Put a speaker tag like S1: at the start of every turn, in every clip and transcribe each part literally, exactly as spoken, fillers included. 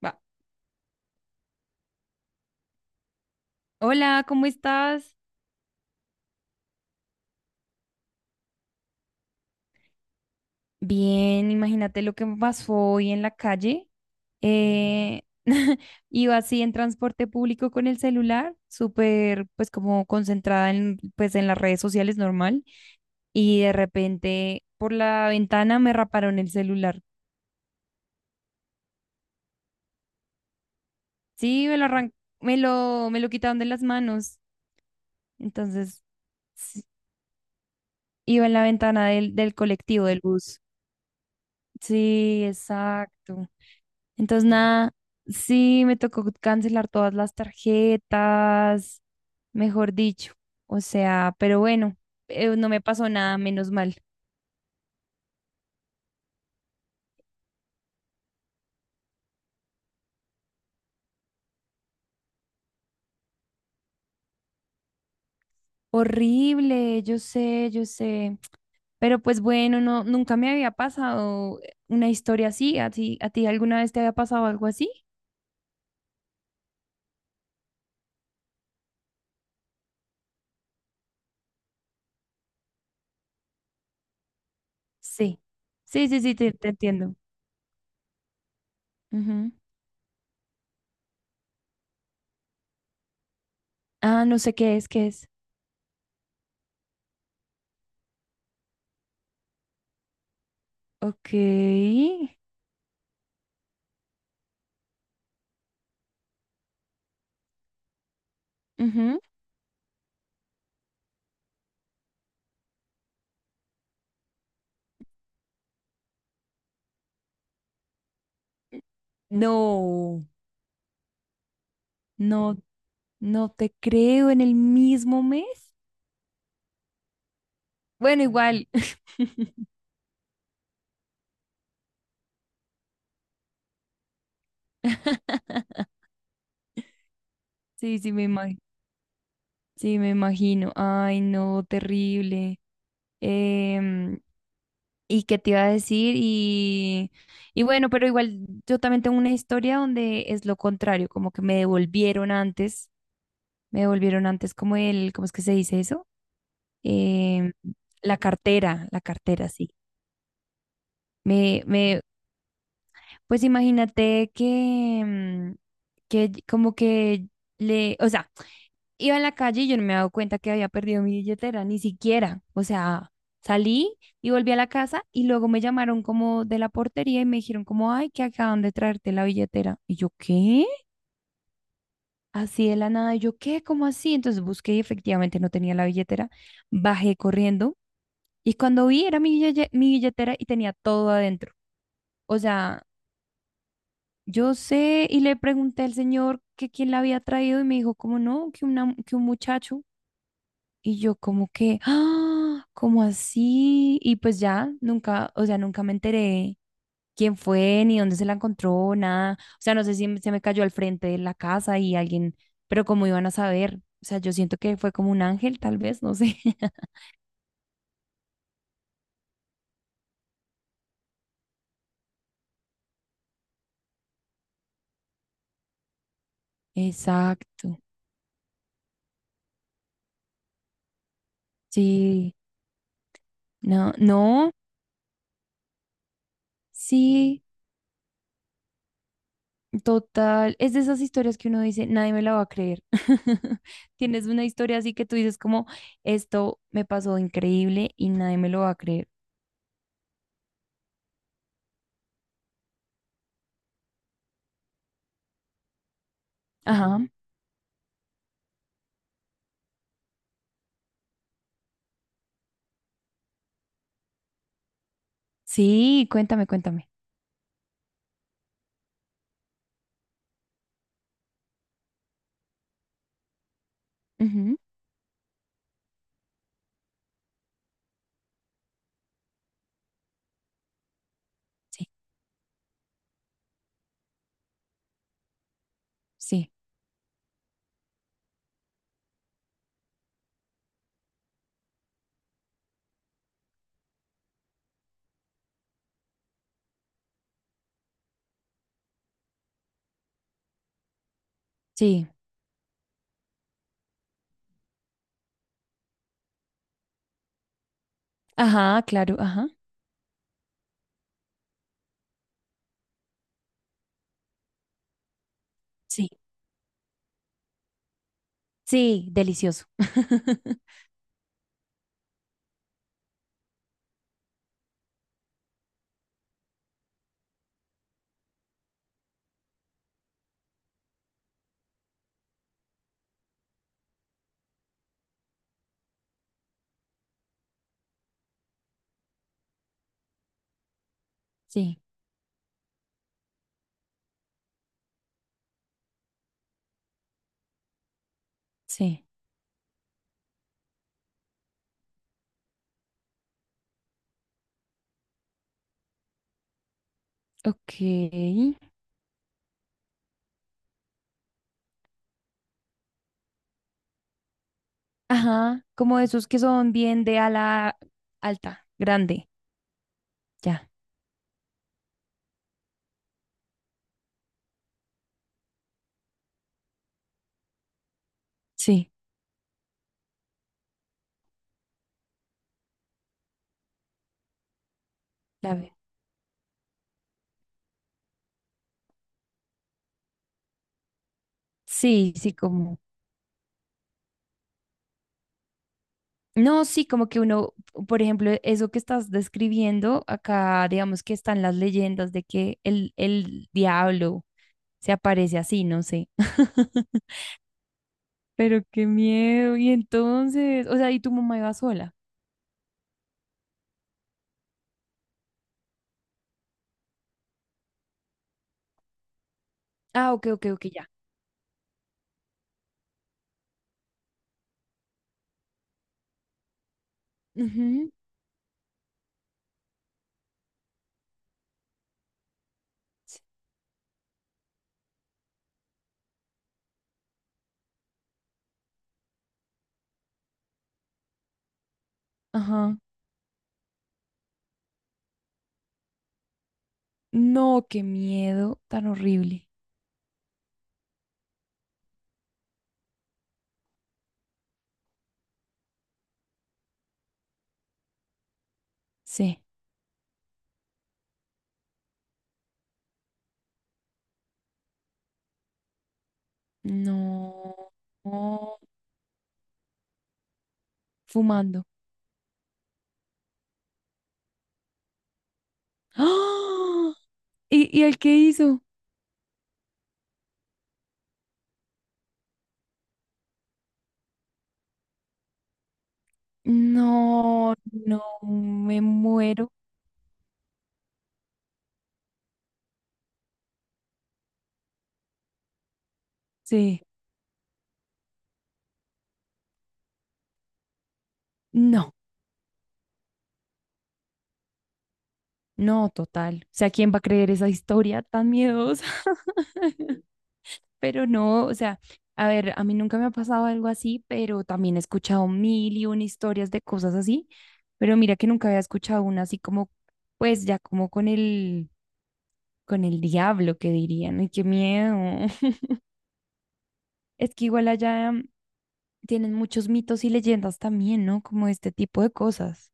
S1: Va. Hola, ¿cómo estás? Bien, imagínate lo que me pasó hoy en la calle. Eh, iba así en transporte público con el celular, súper pues como concentrada en pues en las redes sociales normal. Y de repente por la ventana me raparon el celular. Sí, me lo arran- me lo me lo quitaron de las manos. Entonces, sí, iba en la ventana del del colectivo, del bus. Sí, exacto. Entonces, nada, sí, me tocó cancelar todas las tarjetas, mejor dicho. O sea, pero bueno, eh, no me pasó nada, menos mal. Horrible, yo sé, yo sé. Pero pues bueno, no, nunca me había pasado una historia así. ¿A ti, a ti alguna vez te había pasado algo así? Sí. Sí, sí, sí, te, te entiendo. Ujú. Ah, no sé qué es, qué es. Ok. Ujú. No, no. No te creo, en el mismo mes. Bueno, igual. Sí, sí, me imagino. Sí, me imagino. Ay, no, terrible. Em, ¿y qué te iba a decir? Y, y bueno, pero igual yo también tengo una historia donde es lo contrario, como que me devolvieron antes, me devolvieron antes como el, ¿cómo es que se dice eso? Em, la cartera, la cartera, sí. Me, me, pues imagínate que, mm, que y- como que le, o sea, iba en la calle y yo no me había dado cuenta que había perdido mi billetera, ni siquiera. O sea, salí y volví a la casa y luego me llamaron como de la portería y me dijeron como, ay, que acaban de traerte la billetera. Y yo, ¿qué? Así de la nada, y yo, ¿qué? ¿Cómo así? Entonces busqué y efectivamente no tenía la billetera. Bajé corriendo y cuando vi era mi bille- mi billetera y tenía todo adentro. O sea, yo sé, y le pregunté al señor que quién la había traído y me dijo, como no, que, una, que un muchacho. Y yo como que, ah, ¿cómo así? Y pues ya, nunca, o sea, nunca me enteré quién fue, ni dónde se la encontró, nada. O sea, no sé si se me cayó al frente de la casa y alguien, pero cómo iban a saber. O sea, yo siento que fue como un ángel, tal vez, no sé. Exacto. Sí, no, no, sí. Total, es de esas historias que uno dice, nadie me la va a creer. Tienes una historia así que tú dices como, esto me pasó increíble y nadie me lo va a creer. Ajá, sí, cuéntame, cuéntame. Ujú. Sí, sí, sí. Ajá, claro, ajá. Sí, sí, delicioso. Sí, sí. Ok. Ajá, como esos que son bien de ala alta, grande. Ya, sí, la ve. Sí, sí, como... No, sí, como que uno, por ejemplo, eso que estás describiendo, acá digamos que están las leyendas de que el, el diablo se aparece así, no sé. Pero qué miedo. Y entonces, o sea, ¿y tu mamá iba sola? Ah, ok, ok, ok, ya. Ujú. Sí. Ajá. No, qué miedo tan horrible. Sí. No. No. Fumando. ¡Ah! ¿Y, y el qué hizo? No, no, me muero. Sí, no, no, total. O sea, ¿quién va a creer esa historia tan miedosa? Pero no, o sea, a ver, a mí nunca me ha pasado algo así, pero también he escuchado mil y una historias de cosas así, pero mira que nunca había escuchado una así como, pues ya como con el, con el diablo que dirían, ay, qué miedo. Es que igual allá mm, tienen muchos mitos y leyendas también, ¿no? Como este tipo de cosas.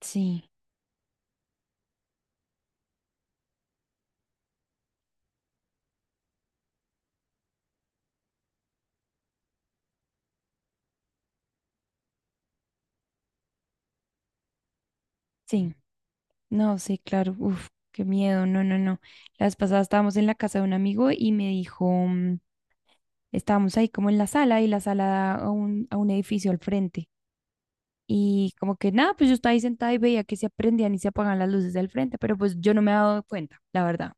S1: Sí, sí. No, sí, claro, uf, qué miedo, no, no, no. La vez pasada estábamos en la casa de un amigo y me dijo, mm, estábamos ahí como en la sala y la sala da a un, a un edificio al frente. Y como que nada, pues yo estaba ahí sentada y veía que se prendían y se apagaban las luces del frente, pero pues yo no me había dado cuenta, la verdad.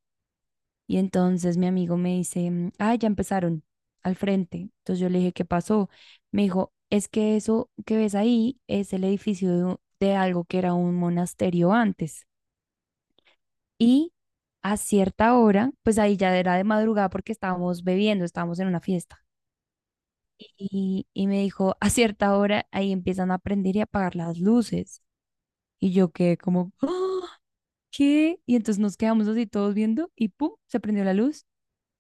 S1: Y entonces mi amigo me dice, mm, ah, ya empezaron al frente. Entonces yo le dije, ¿qué pasó? Me dijo, es que eso que ves ahí es el edificio de de algo que era un monasterio antes. Y a cierta hora, pues ahí ya era de madrugada porque estábamos bebiendo, estábamos en una fiesta. Y, y me dijo, a cierta hora ahí empiezan a prender y apagar las luces. Y yo quedé como, "Ah, ¿qué?" Y entonces nos quedamos así todos viendo y ¡pum! Se prendió la luz.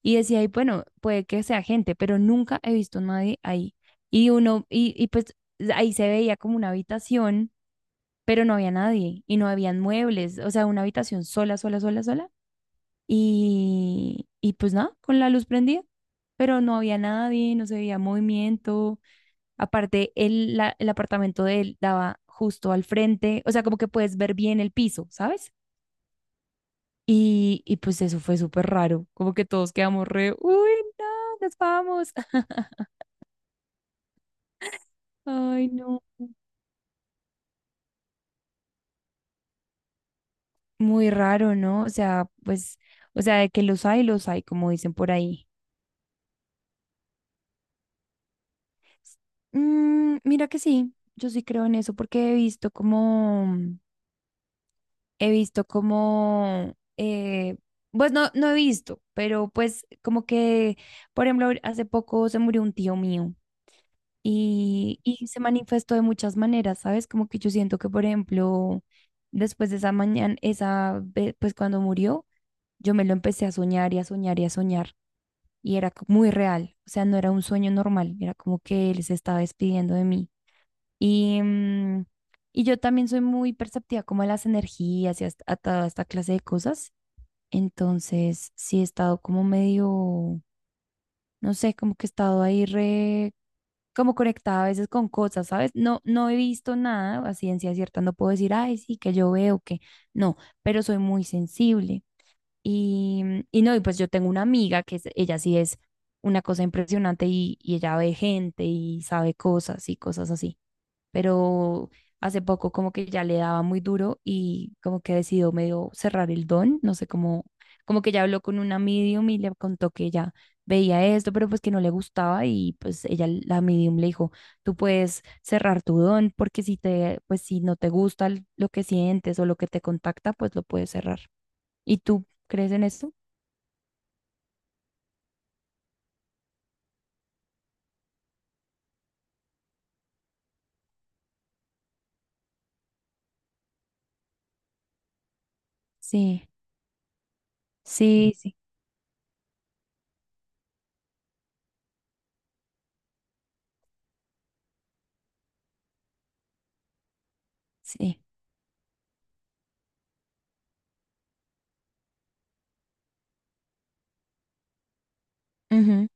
S1: Y decía, ahí, bueno, puede que sea gente, pero nunca he visto a nadie ahí. Y uno, y, y pues ahí se veía como una habitación, pero no había nadie y no habían muebles, o sea, una habitación sola, sola, sola, sola. Y, y pues nada, con la luz prendida, pero no había nadie, no se veía movimiento. Aparte, el, la- el apartamento de él daba justo al frente, o sea, como que puedes ver bien el piso, ¿sabes? Y, y pues eso fue súper raro, como que todos quedamos re, uy, no, nos vamos. Ay, no, muy raro, ¿no? O sea, pues, o sea, de que los hay, los hay, como dicen por ahí. Mm, mira que sí, yo sí creo en eso porque he visto como... he visto como, eh, pues no, no he visto, pero pues como que, por ejemplo, hace poco se murió un tío mío y, y se manifestó de muchas maneras, ¿sabes? Como que yo siento que, por ejemplo, después de esa mañana, esa, ve- pues cuando murió, yo me lo empecé a soñar y a soñar y a soñar y era co- muy real, o sea, no era un sueño normal, era como que él se estaba despidiendo de mí. Y, mm, y yo también soy muy perceptiva como a las energías y hasta- a toda esta clase de cosas. Entonces, sí he estado como medio, no sé, como que he estado ahí re, como conectada a veces con cosas, ¿sabes? No, no he visto nada, a ciencia cierta no puedo decir, ay, sí, que yo veo que no, pero soy muy sensible. Y, mm, y no, y pues yo tengo una amiga que es- ella sí es una cosa impresionante y, y ella ve gente y sabe cosas y cosas así, pero hace poco como que ya le daba muy duro y como que decidió medio cerrar el don, no sé cómo, como que ya habló con una medium y le contó que ella veía esto, pero pues que no le gustaba y pues ella, la medium le dijo, tú puedes cerrar tu don porque si te, pues si no te gusta el- lo que sientes o lo que te contacta, pues lo puedes cerrar. ¿Y tú crees en esto? Sí, sí, sí, sí. Ujú,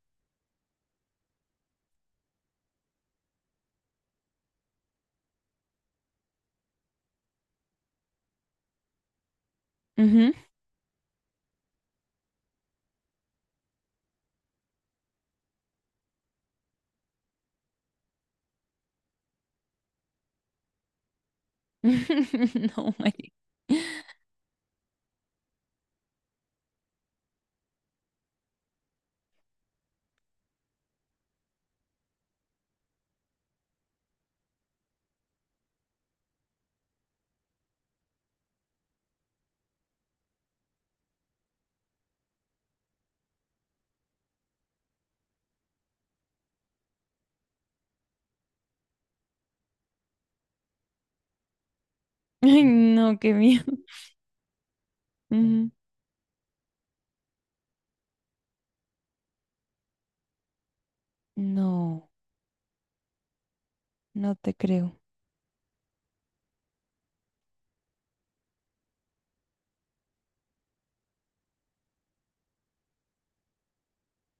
S1: ujú. No, Mari. Ay, no, qué miedo. Mm, no, no te creo.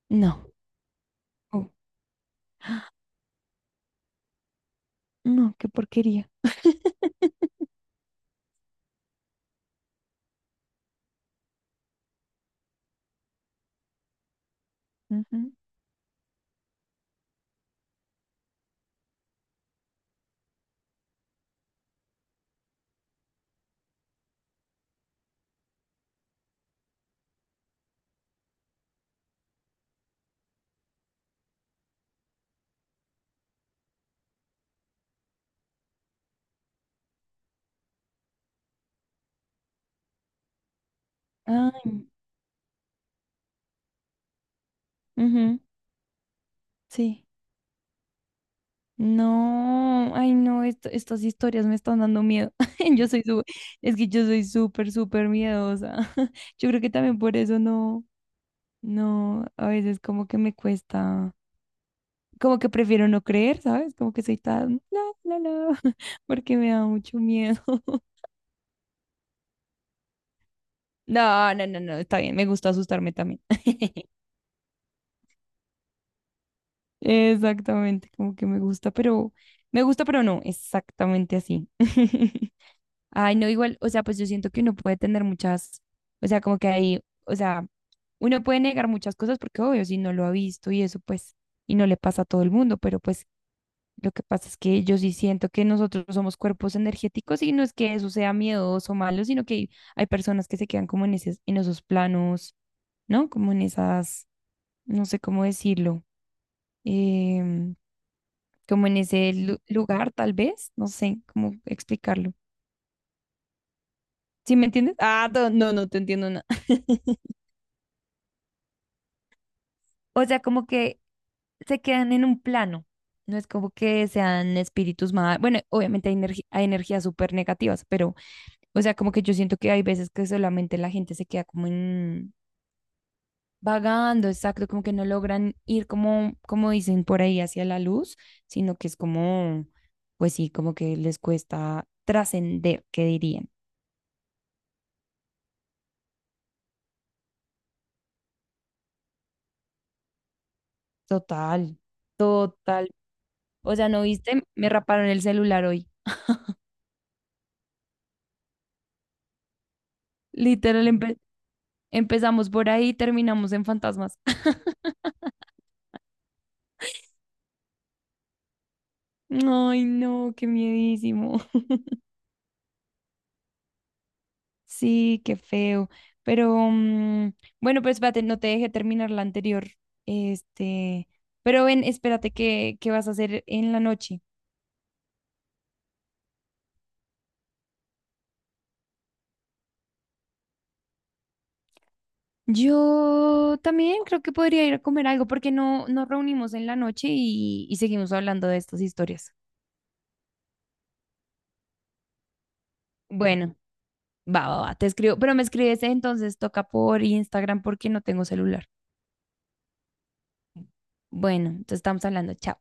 S1: No. Oh, no, qué porquería. Ujú. Ay, ujú, sí. No, ay, no, esto- estas historias me están dando miedo. Yo soy su- es que yo soy súper, súper miedosa. Yo creo que también por eso no, no, a veces como que me cuesta, como que prefiero no creer, ¿sabes? Como que soy tan, la, la, la, porque me da mucho miedo. No, no, no, no, está bien, me gusta asustarme también. Exactamente, como que me gusta, pero me gusta, pero no, exactamente así. Ay, no, igual, o sea, pues yo siento que uno puede tener muchas, o sea, como que ahí, o sea, uno puede negar muchas cosas porque obvio, si no lo ha visto y eso, pues, y no le pasa a todo el mundo, pero pues lo que pasa es que yo sí siento que nosotros somos cuerpos energéticos y no es que eso sea miedoso o malo, sino que hay personas que se quedan como en esos, en esos planos, ¿no? Como en esas, no sé cómo decirlo. em, Como en ese lu- lugar, tal vez, no sé cómo explicarlo. ¿Sí me entiendes? Ah, no, no, no te entiendo nada. O sea, como que se quedan en un plano. No es como que sean espíritus más, bueno, obviamente hay, energi- hay energías súper negativas, pero, o sea, como que yo siento que hay veces que solamente la gente se queda como en, vagando, exacto, como que no logran ir como, como dicen por ahí hacia la luz, sino que es como, pues sí, como que les cuesta trascender, ¿qué dirían? Total. O sea, ¿no viste? Me raparon el celular hoy. Literal, empe- empezamos por ahí y terminamos en fantasmas. Ay, no, qué miedísimo. Sí, qué feo. Pero mm, bueno, pues espérate, no te dejé terminar la anterior. Este, pero ven, espérate, ¿qué, qué vas a hacer en la noche? Yo también creo que podría ir a comer algo porque no nos reunimos en la noche y, y seguimos hablando de estas historias. Bueno. Va, va, va, te escribo, pero me escribes entonces, toca por Instagram porque no tengo celular. Bueno, entonces estamos hablando, chao.